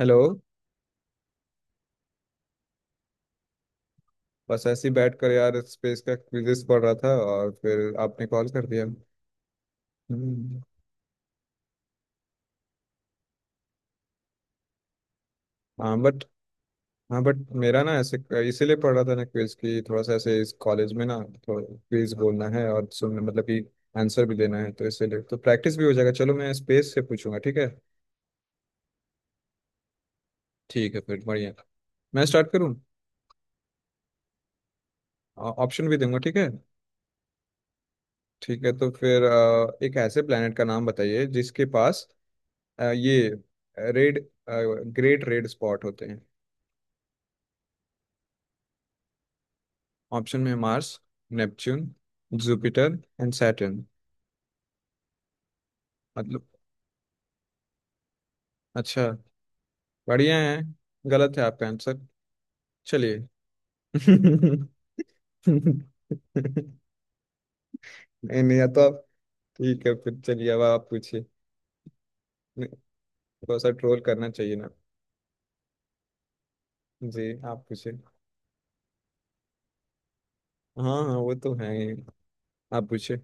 Hello. बस ऐसे ही बैठ कर यार स्पेस का क्विजेस पढ़ रहा था और फिर आपने कॉल कर दिया। हम्म, हाँ बट हाँ बट मेरा ना ऐसे इसीलिए पढ़ रहा था ना क्विज की, थोड़ा सा ऐसे इस कॉलेज में ना थोड़ा क्विज बोलना है और सुनना, मतलब कि आंसर भी देना है तो इसीलिए तो प्रैक्टिस भी हो जाएगा। चलो मैं स्पेस से पूछूंगा, ठीक है। ठीक है फिर, बढ़िया। मैं स्टार्ट करूँ, ऑप्शन भी दूंगा ठीक है। ठीक है तो फिर एक ऐसे प्लेनेट का नाम बताइए जिसके पास ये रेड, ग्रेट रेड स्पॉट होते हैं। ऑप्शन में Mars, Neptune, Jupiter and Saturn. मतलब अच्छा, बढ़िया है। गलत है आपका आंसर। चलिए, नहीं। नहीं या तो आप, ठीक है फिर चलिए अब आप पूछिए। नहीं, थोड़ा सा ट्रोल करना चाहिए ना। जी, आप पूछिए। हाँ हाँ वो तो है ही। आप पूछिए।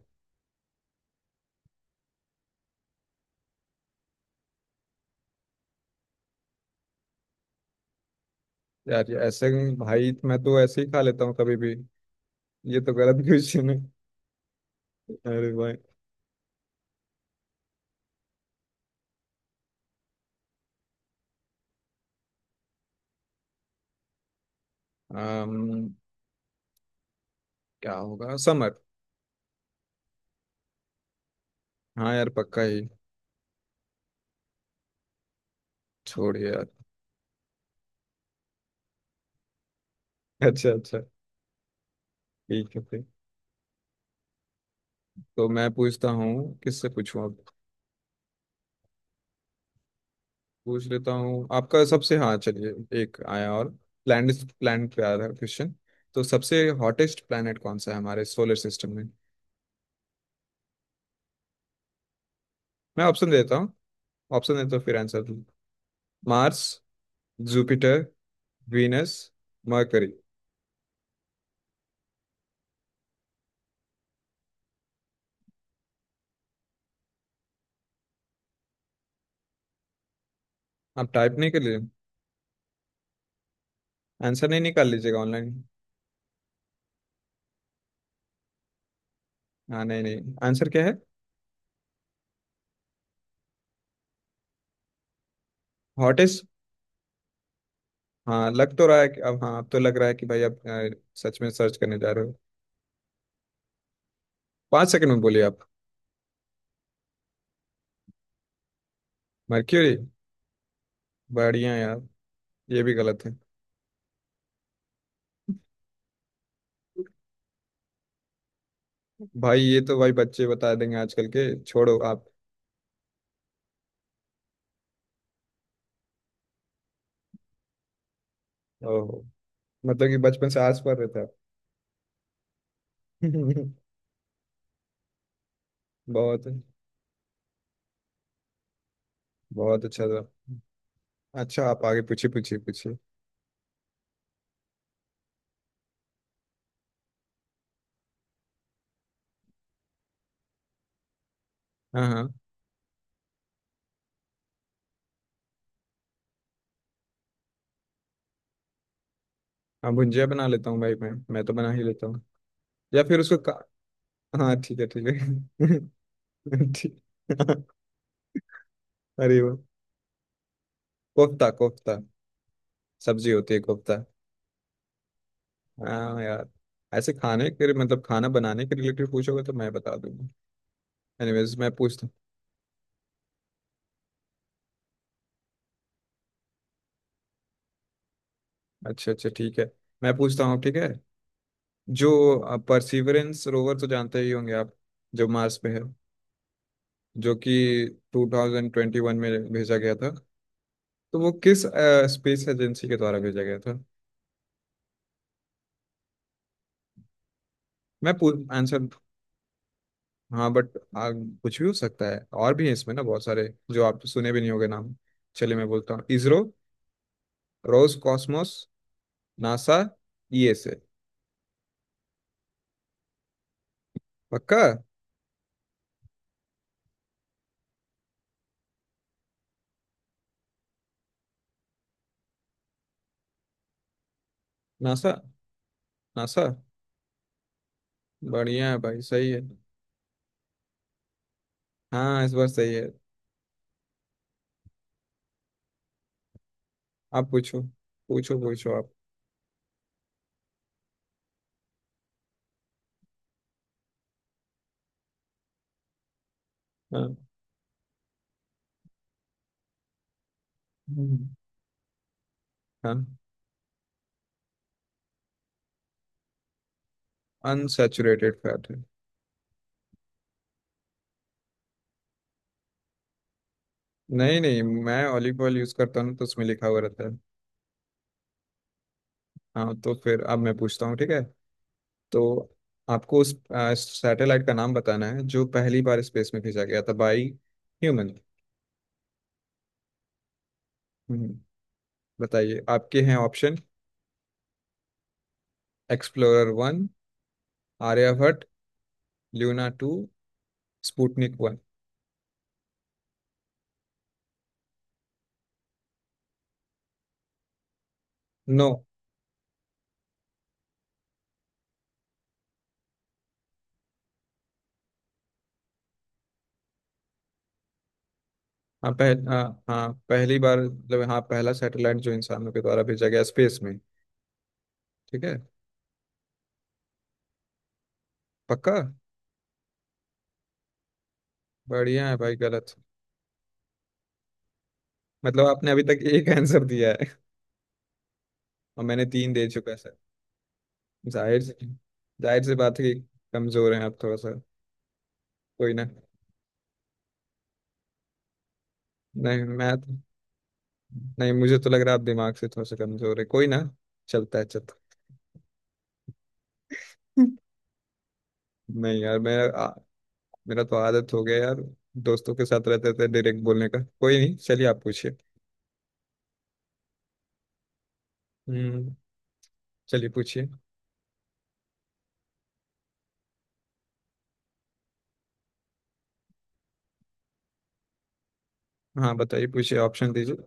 यार ये ऐसे, भाई मैं तो ऐसे ही खा लेता हूँ कभी भी, ये तो गलत क्वेश्चन है। अरे भाई, अम, क्या होगा, समर। हाँ यार, पक्का ही। छोड़िए यार। अच्छा अच्छा। ठीक है फिर, तो मैं पूछता हूँ किससे पूछूं अब। पूछ लेता हूँ आपका सबसे, हाँ चलिए। एक आया, और प्लैनेट प्लैनेट पे आया था क्वेश्चन। तो सबसे हॉटेस्ट प्लैनेट कौन सा है हमारे सोलर सिस्टम में? मैं ऑप्शन देता हूँ, ऑप्शन देता हूँ फिर आंसर दूँ। Mars, Jupiter, Venus, Mercury. आप टाइप नहीं कर लीजिए, आंसर नहीं निकाल लीजिएगा ऑनलाइन। हाँ नहीं नहीं, आंसर क्या है? हॉटेस्ट। हाँ लग तो रहा है कि अब, हाँ अब तो लग रहा है कि भाई आप सच में सर्च करने जा रहे हो। पाँच सेकंड में बोलिए आप। मर्क्यूरी, बढ़िया यार। ये भी गलत है। भाई ये तो भाई बच्चे बता देंगे आजकल के, छोड़ो आप। ओहो, मतलब कि बचपन से आस पर रहता है। बहुत, बहुत अच्छा था। अच्छा आप आगे पूछिए, पूछिए। हाँ हाँ। हाँ भुंजिया बना लेता हूँ भाई, मैं तो बना ही लेता हूँ, या फिर उसको का... हाँ ठीक है ठीक है। ठीक। अरे वो, कोफ्ता कोफ्ता, सब्जी होती है कोफ्ता। हाँ यार, ऐसे खाने के, मतलब खाना बनाने के रिलेटेड पूछोगे तो मैं बता दूंगा। एनीवेज मैं पूछता हूँ। अच्छा अच्छा ठीक है, मैं पूछता हूँ ठीक है। जो परसिवरेंस रोवर तो जानते ही होंगे आप, जो मार्स पे है, जो कि 2021 में भेजा गया था, तो वो किस स्पेस एजेंसी के द्वारा भेजा गया था? मैं आंसर, हाँ बट कुछ भी हो सकता है, और भी है इसमें ना बहुत सारे जो आप सुने भी नहीं होंगे नाम। चलिए मैं बोलता हूँ, ISRO, Roscosmos, NASA, ESA. पक्का? नासा, नासा, बढ़िया है भाई, सही है। हाँ इस बार सही है। आप पूछो, पूछो आप। हाँ। हम्म, हाँ अनसैचुरेटेड फैट है। नहीं नहीं, मैं ऑलिव ऑयल यूज करता हूँ ना, तो उसमें लिखा हुआ रहता है। हाँ तो फिर अब मैं पूछता हूँ ठीक है। तो आपको उस सैटेलाइट का नाम बताना है जो पहली बार स्पेस में भेजा गया था बाई ह्यूमन। हम्म, बताइए, आपके हैं option. Explorer one, Aryabhata, Luna two, Sputnik one. No. हाँ हाँ पहली बार, मतलब हाँ पहला सैटेलाइट जो इंसानों के द्वारा भेजा गया स्पेस में। ठीक है। पक्का? बढ़िया है भाई, गलत। मतलब आपने अभी तक एक आंसर दिया है, और मैंने तीन दे चुका है सर। जाहिर सी, जाहिर सी बात है कि कमजोर हैं आप थोड़ा सा, कोई ना। नहीं मैं तो नहीं मुझे तो लग रहा है आप दिमाग से थोड़ा सा कमजोर है, कोई ना। चलता है, चलता है। नहीं यार मेरा मेरा तो आदत हो गया यार, दोस्तों के साथ रहते थे डायरेक्ट बोलने का, कोई नहीं चलिए आप पूछिए। हम्म, चलिए पूछिए। हाँ बताइए, पूछिए ऑप्शन दीजिए।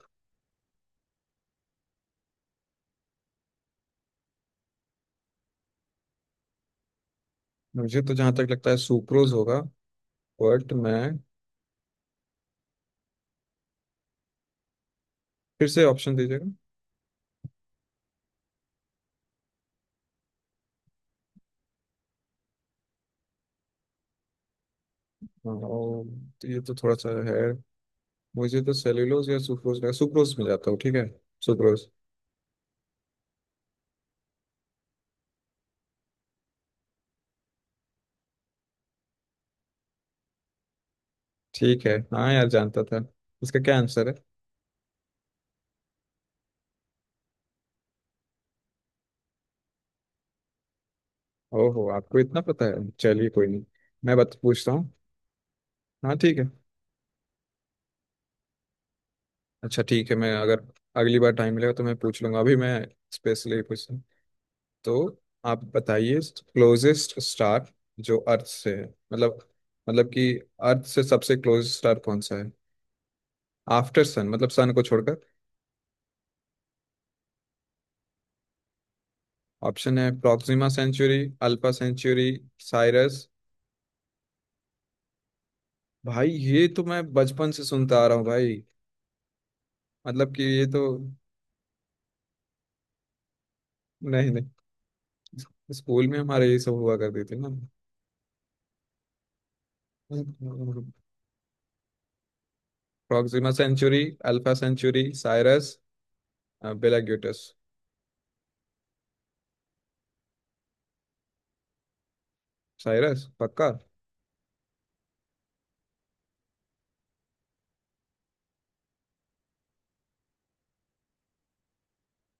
मुझे तो जहाँ तक लगता है सुक्रोज होगा, बट मैं फिर से ऑप्शन दीजिए। हाँ, और ये तो थोड़ा सा है, मुझे तो सेल्यूलोज या सुक्रोज का, सुक्रोज में जाता हूँ ठीक है, सुक्रोज। ठीक है हाँ यार, जानता था। इसका क्या आंसर है? ओहो, आपको इतना पता है, चलिए कोई नहीं। मैं बात पूछता हूँ। हाँ ठीक है। अच्छा ठीक है, मैं अगर अगली बार टाइम मिलेगा तो मैं पूछ लूंगा, अभी मैं स्पेशली पूछ रहा हूँ, तो आप बताइए। क्लोजेस्ट स्टार जो अर्थ से है, मतलब, मतलब कि अर्थ से सबसे क्लोज स्टार कौन सा है आफ्टर सन, मतलब सन को छोड़कर। ऑप्शन है Proxima Centauri, Alpha Centauri, Sirius. भाई ये तो मैं बचपन से सुनता आ रहा हूँ भाई, मतलब कि ये तो, नहीं नहीं, स्कूल में हमारे ये सब हुआ करती थी ना। Proxima Centauri, Alpha Centauri, Sirius, बेलाग्यूटस। साइरस पक्का?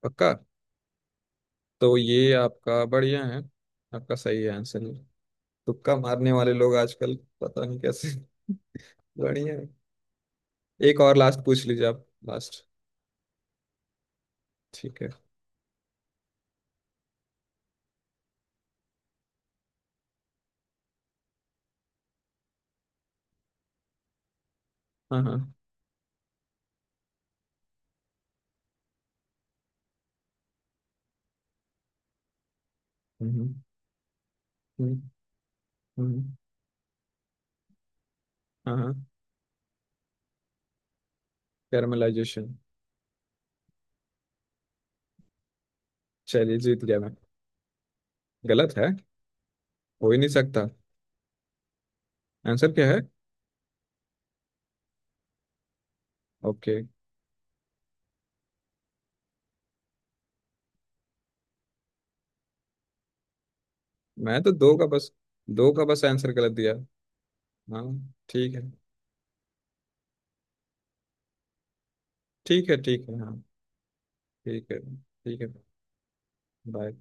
पक्का, तो ये आपका बढ़िया है, आपका सही है आंसर। तुक्का मारने वाले लोग आजकल, पता नहीं कैसे। बढ़िया है। एक और लास्ट पूछ लीजिए आप, लास्ट। ठीक है। हाँ हाँ। हम्म। हम्म। हम्म, हम्म, हाँ हाँ, कैरमलाइजेशन। चलिए जीत गया मैं। गलत है? हो ही नहीं सकता। आंसर क्या है? ओके। मैं तो दो का बस, दो का बस आंसर गलत दिया। हाँ ठीक है ठीक है, ठीक है हाँ, ठीक है ठीक है, बाय।